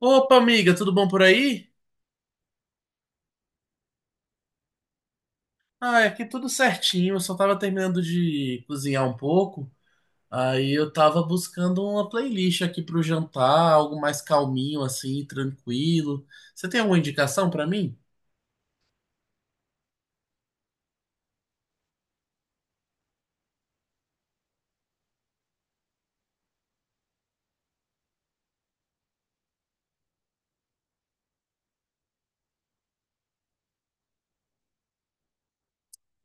Opa, amiga, tudo bom por aí? Ah, aqui tudo certinho. Eu só tava terminando de cozinhar um pouco. Aí eu tava buscando uma playlist aqui pro jantar, algo mais calminho, assim, tranquilo. Você tem alguma indicação pra mim?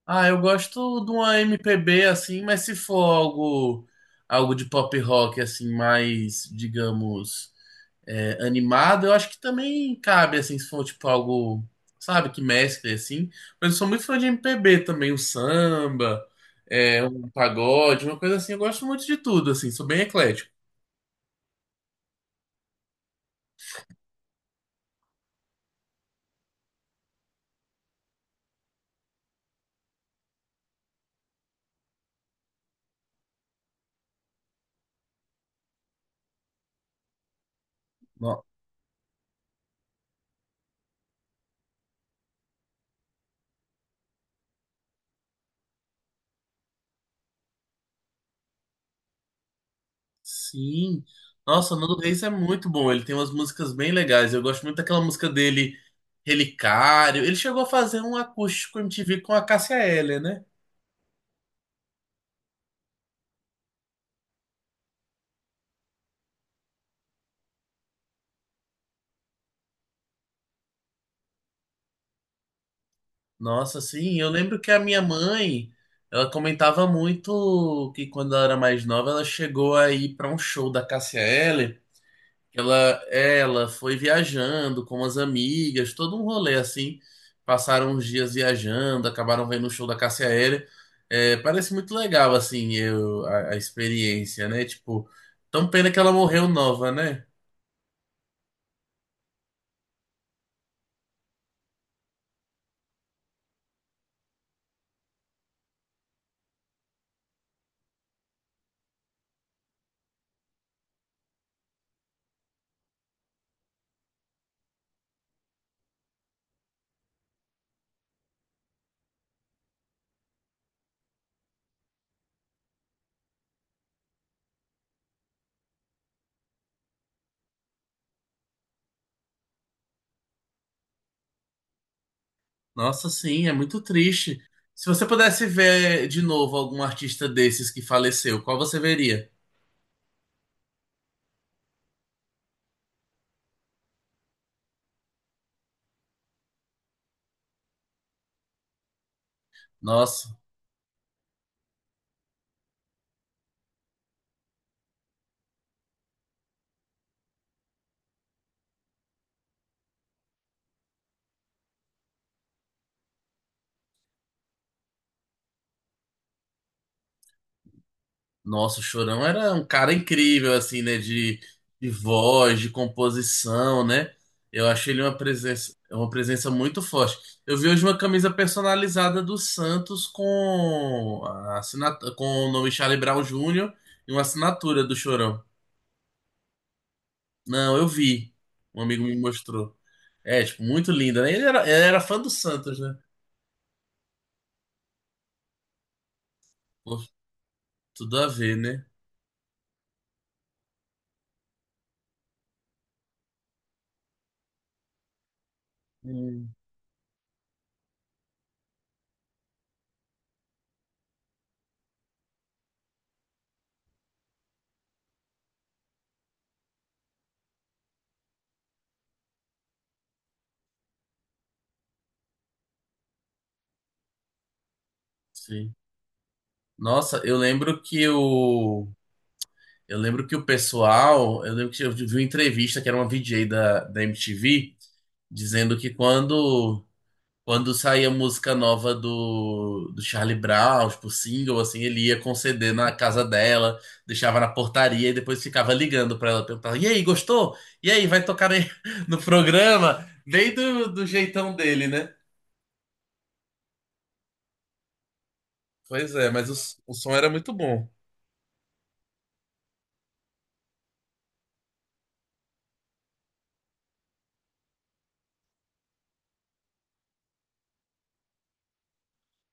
Ah, eu gosto de uma MPB assim, mas se for algo, algo de pop rock, assim, mais, digamos. Animado, eu acho que também cabe, assim, se for tipo algo, sabe, que mescle, assim. Mas eu sou muito fã de MPB também, o samba, um pagode, uma coisa assim. Eu gosto muito de tudo, assim, sou bem eclético. No- Sim. Nossa, o Nando Reis é muito bom, ele tem umas músicas bem legais. Eu gosto muito daquela música dele, Relicário. Ele chegou a fazer um acústico MTV com a Cássia Eller, né? Nossa, sim, eu lembro que a minha mãe, ela comentava muito que quando ela era mais nova, ela chegou a ir para um show da Cássia Eller, ela, ela foi viajando com as amigas, todo um rolê assim, passaram uns dias viajando, acabaram vendo o show da Cássia Eller. É, parece muito legal, assim, a experiência, né, tipo, tão pena que ela morreu nova, né? Nossa, sim, é muito triste. Se você pudesse ver de novo algum artista desses que faleceu, qual você veria? Nossa, nossa, o Chorão era um cara incrível, assim, né? De voz, de composição, né? Eu achei ele uma presença muito forte. Eu vi hoje uma camisa personalizada do Santos com, a assinat- com o nome Charlie Brown Jr. e uma assinatura do Chorão. Não, eu vi. Um amigo me mostrou. É, tipo, muito linda, né? Ele era fã do Santos, né? Pô, tudo a ver, né? Hum, sim. Nossa, eu lembro que o. Eu lembro que o pessoal. Eu lembro que eu vi uma entrevista que era uma VJ da MTV dizendo que quando quando saía música nova do Charlie Brown, tipo single, assim, ele ia com CD na casa dela, deixava na portaria e depois ficava ligando pra ela, perguntava: E aí, gostou? E aí, vai tocar aí no programa? Bem do jeitão dele, né? Pois é, mas o som era muito bom.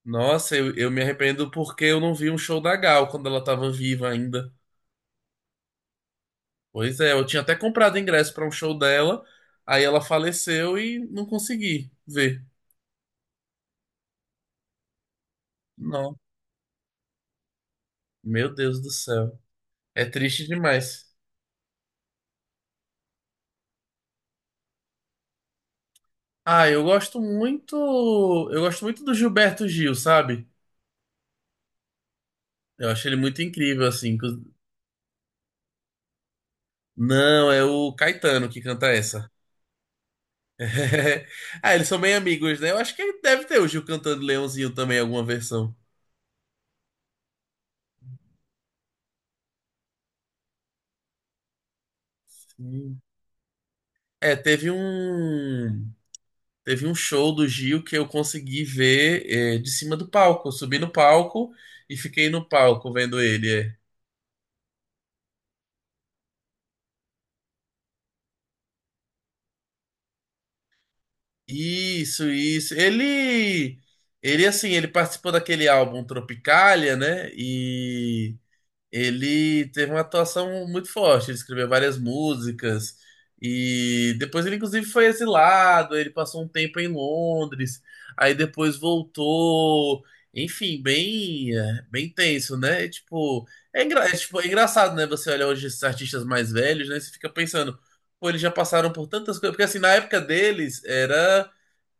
Nossa, eu me arrependo porque eu não vi um show da Gal quando ela tava viva ainda. Pois é, eu tinha até comprado ingresso pra um show dela, aí ela faleceu e não consegui ver. Não, meu Deus do céu. É triste demais. Ah, eu gosto muito. Eu gosto muito do Gilberto Gil, sabe? Eu acho ele muito incrível, assim. Não, é o Caetano que canta essa. Ah, eles são bem amigos, né? Eu acho que ele deve ter o Gil cantando Leãozinho também, alguma versão. Sim. É, teve um. Teve um show do Gil que eu consegui ver, de cima do palco. Eu subi no palco e fiquei no palco vendo ele. É. Isso, isso. Ele assim, ele participou daquele álbum Tropicália, né? E ele teve uma atuação muito forte. Ele escreveu várias músicas e depois ele inclusive foi exilado. Ele passou um tempo em Londres, aí depois voltou. Enfim, bem, é, bem tenso, né? E, tipo, é, tipo, é engraçado, né? Você olha hoje esses artistas mais velhos, né? Você fica pensando, pô, eles já passaram por tantas coisas. Porque assim, na época deles era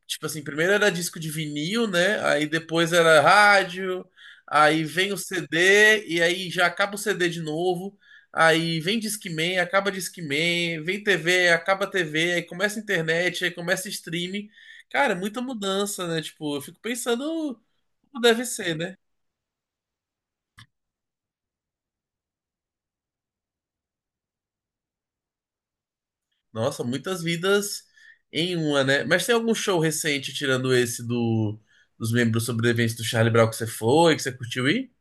tipo assim, primeiro era disco de vinil, né? Aí depois era rádio, aí vem o CD, e aí já acaba o CD de novo. Aí vem Discman, acaba Discman, vem TV, acaba TV, aí começa a internet, aí começa streaming. Cara, muita mudança, né? Tipo, eu fico pensando como deve ser, né? Nossa, muitas vidas em uma, né? Mas tem algum show recente, tirando esse dos membros sobreviventes do Charlie Brown que você foi, que você curtiu ir?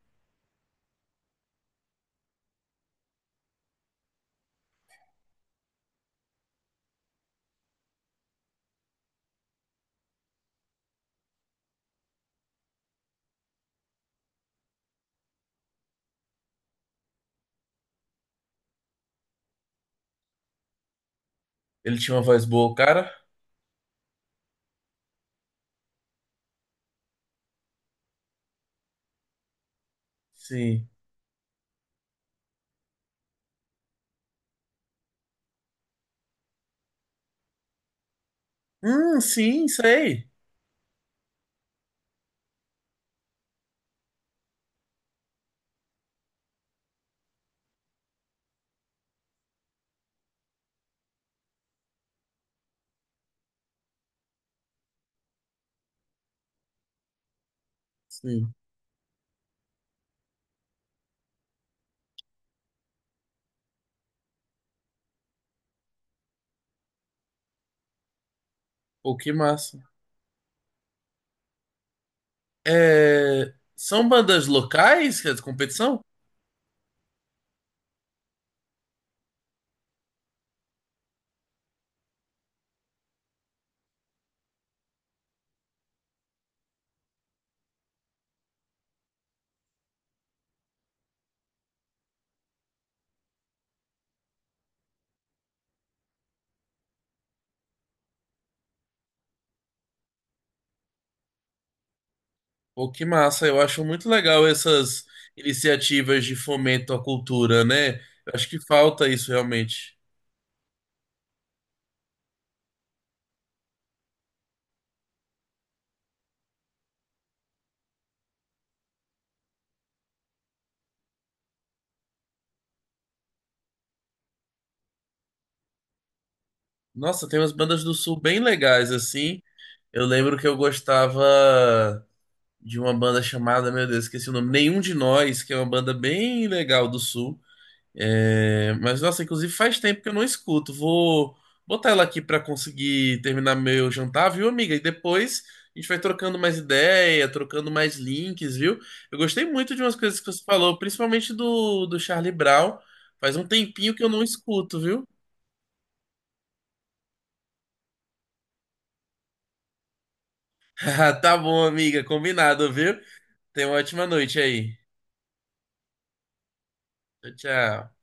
Ele tinha uma voz boa, cara. Sim. Sim, sei. Sim. Pô, que massa. É, são bandas locais que é de competição? Pô, que massa. Eu acho muito legal essas iniciativas de fomento à cultura, né? Eu acho que falta isso realmente. Nossa, tem umas bandas do Sul bem legais, assim. Eu lembro que eu gostava de uma banda chamada, meu Deus, esqueci o nome, Nenhum de Nós, que é uma banda bem legal do Sul. É, mas, nossa, inclusive faz tempo que eu não escuto. Vou botar ela aqui pra conseguir terminar meu jantar, viu, amiga? E depois a gente vai trocando mais ideia, trocando mais links, viu? Eu gostei muito de umas coisas que você falou, principalmente do Charlie Brown. Faz um tempinho que eu não escuto, viu? Tá bom, amiga, combinado, viu? Tenha uma ótima noite aí. Tchau, tchau.